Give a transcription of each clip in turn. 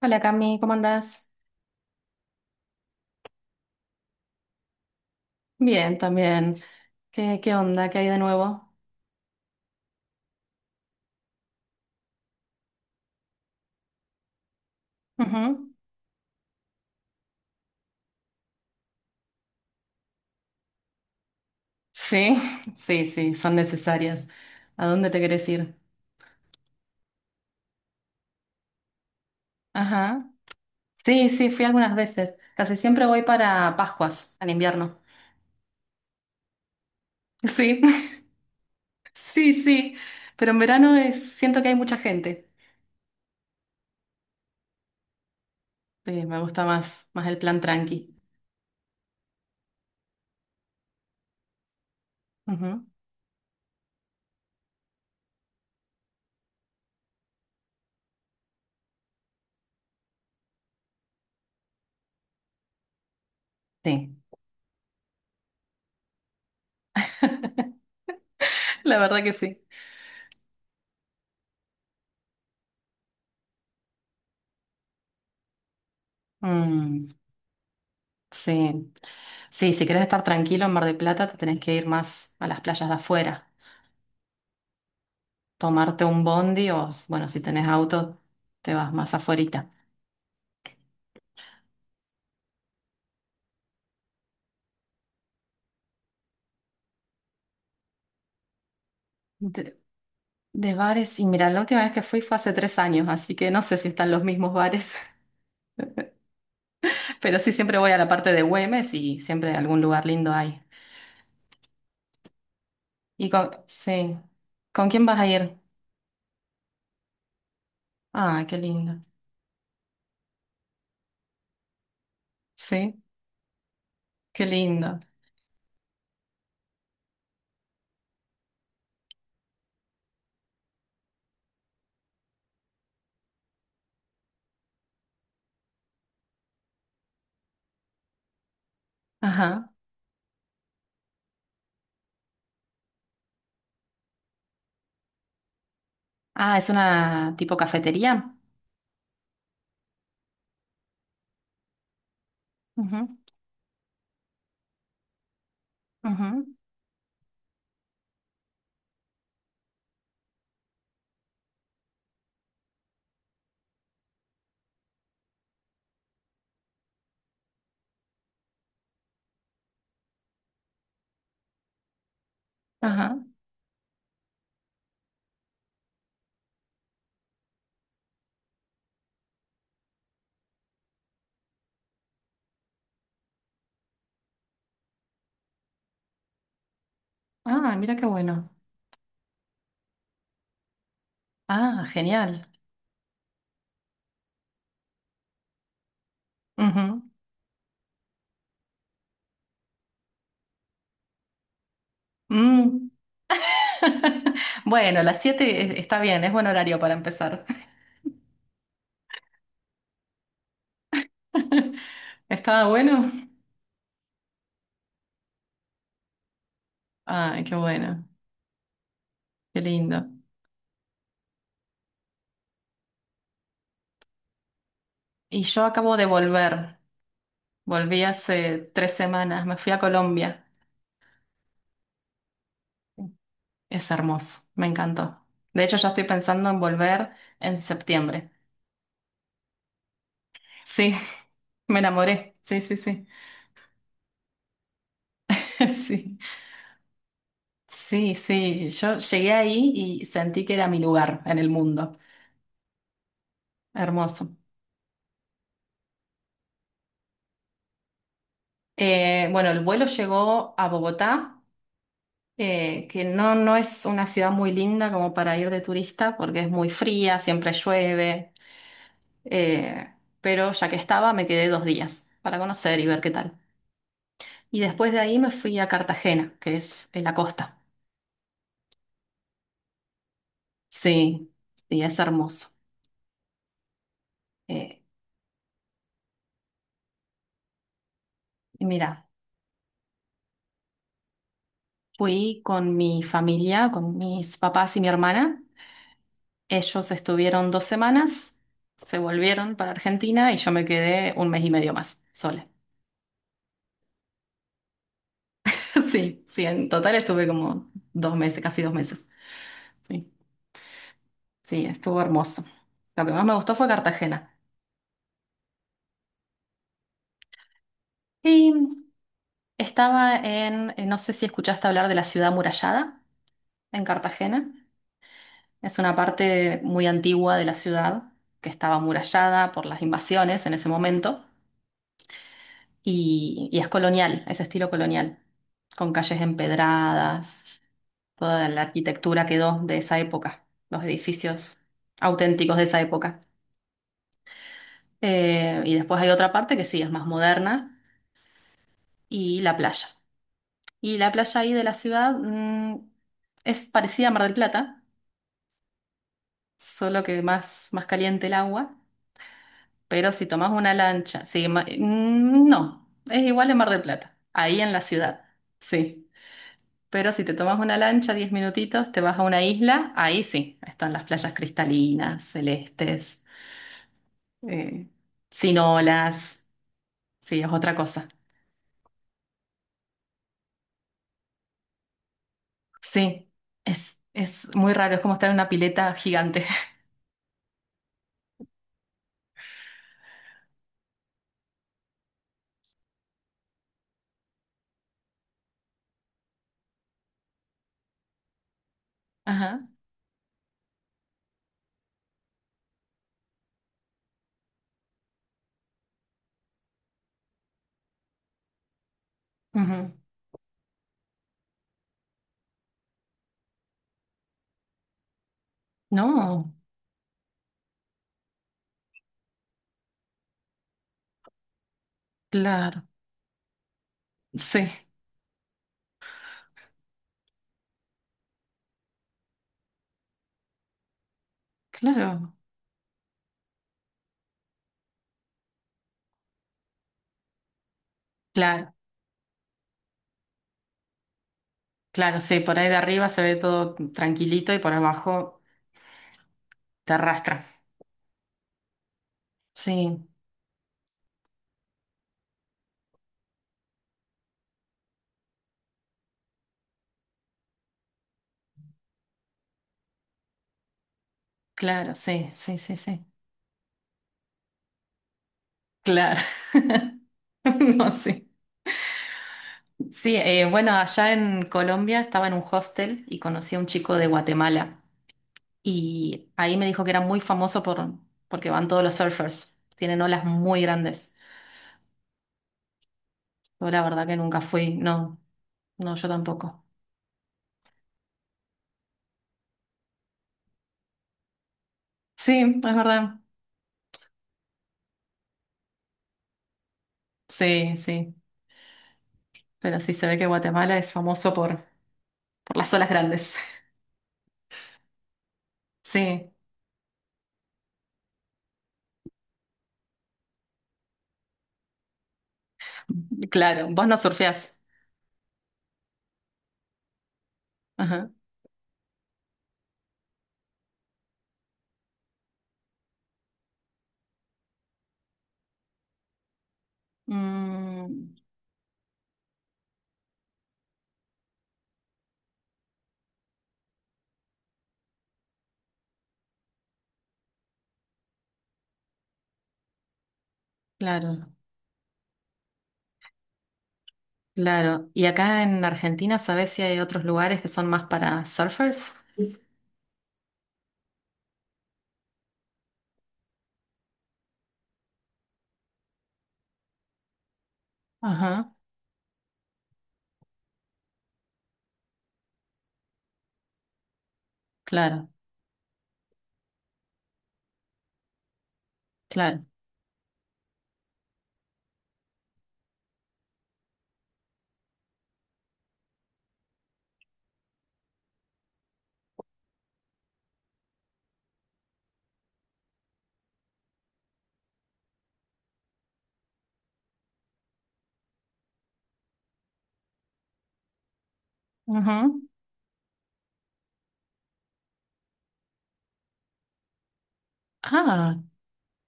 Hola Cami, ¿cómo andás? Bien, también. ¿Qué onda? ¿Qué hay de nuevo? Ujú. Sí, sí, sí, son necesarias. ¿A dónde te querés ir? Ajá. Sí, sí, fui algunas veces. Casi siempre voy para Pascuas, al invierno. Sí, sí, sí. Pero en verano es, siento que hay mucha gente. Sí, me gusta más, más el plan tranqui. Ujú. Sí, la verdad que sí. Mm, sí. Sí, si querés estar tranquilo en Mar del Plata, te tenés que ir más a las playas de afuera. Tomarte un bondi o, bueno, si tenés auto, te vas más afuerita. De, de bares, y mira, la última vez que fui fue hace 3 años, así que no sé si están los mismos bares, pero sí siempre voy a la parte de Güemes y siempre algún lugar lindo hay. Y con, sí, ¿con quién vas a ir? Ah, qué lindo. Sí, qué lindo. Ajá. Ah, es una tipo cafetería. Ujú, ujú, ajá. Ah, mira qué bueno. Ah, genial. Ujú. Mm. Bueno, las 7 está bien, es buen horario para empezar. ¿Estaba bueno? Ay, qué bueno, qué lindo. Y yo acabo de volver, volví hace 3 semanas, me fui a Colombia. Es hermoso, me encantó. De hecho, ya estoy pensando en volver en septiembre. Sí, me enamoré, sí, sí, sí. Sí, sí, sí. Yo llegué ahí y sentí que era mi lugar en el mundo. Hermoso. Bueno, el vuelo llegó a Bogotá. Que no, no es una ciudad muy linda como para ir de turista porque es muy fría, siempre llueve, eh, pero ya que estaba me quedé 2 días para conocer y ver qué tal. Y después de ahí me fui a Cartagena, que es en la costa. Sí, sí, es hermoso. Eh, y mira, fui con mi familia, con mis papás y mi hermana. Ellos estuvieron 2 semanas, se volvieron para Argentina y yo me quedé un mes y medio más sola. Sí, sí, en total estuve como 2 meses, casi 2 meses. Sí, sí, estuvo hermoso. Lo que más me gustó fue Cartagena. Y estaba en, no sé si escuchaste hablar de la ciudad amurallada en Cartagena. Es una parte muy antigua de la ciudad que estaba amurallada por las invasiones en ese momento y es colonial, es estilo colonial, con calles empedradas, toda la arquitectura quedó de esa época, los edificios auténticos de esa época. Y después hay otra parte que sí, es más moderna, y la playa. Y la playa ahí de la ciudad, es parecida a Mar del Plata, solo que más, más caliente el agua, pero si tomás una lancha, sí, no, es igual en Mar del Plata, ahí en la ciudad, sí. Pero si te tomas una lancha, 10 minutitos, te vas a una isla, ahí sí, están las playas cristalinas, celestes, eh, sin olas, sí, es otra cosa. Sí, es muy raro, es como estar en una pileta gigante. Ajá. Ujú. No, claro. Sí, claro. Claro, claro, sí. Por ahí de arriba se ve todo tranquilito y por abajo te arrastra. Sí, claro, sí, sí, sí, sí. Claro. No, sí. Sí, bueno, allá en Colombia estaba en un hostel y conocí a un chico de Guatemala y ahí me dijo que era muy famoso por, porque van todos los surfers, tienen olas muy grandes. Yo la verdad que nunca fui, no, no, yo tampoco. Sí, es verdad. Sí, sí. Pero sí se ve que Guatemala es famoso por las olas grandes. Sí, claro. Vos no surfeás. Ajá. Mm, claro, claro. ¿Y acá en Argentina sabés si hay otros lugares que son más para surfers? Ajá, claro, claro. Ujú. Ah,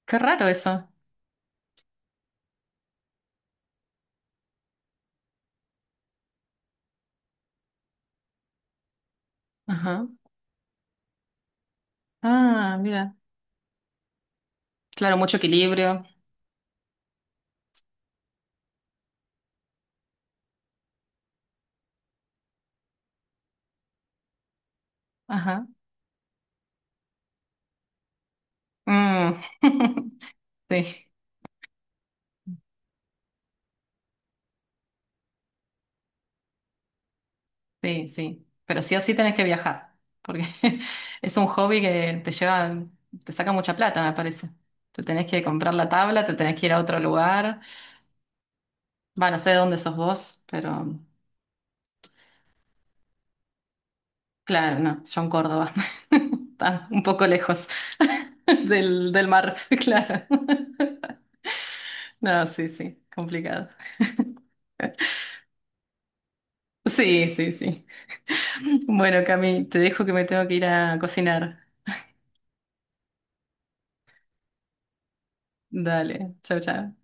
qué raro eso. Ajá. Ah, mira. Claro, mucho equilibrio. Ajá. Mm. Sí. Sí, sí. Pero sí o sí tenés que viajar, porque es un hobby que te lleva, te saca mucha plata, me parece. Te tenés que comprar la tabla, te tenés que ir a otro lugar. Va, no sé de dónde sos vos, pero claro, no, yo en Córdoba. Está un poco lejos del, del mar, claro. No, sí, sí, complicado. Sí, sí, sí. Bueno, Cami, te dejo que me tengo que ir a cocinar. Dale, chao, chao.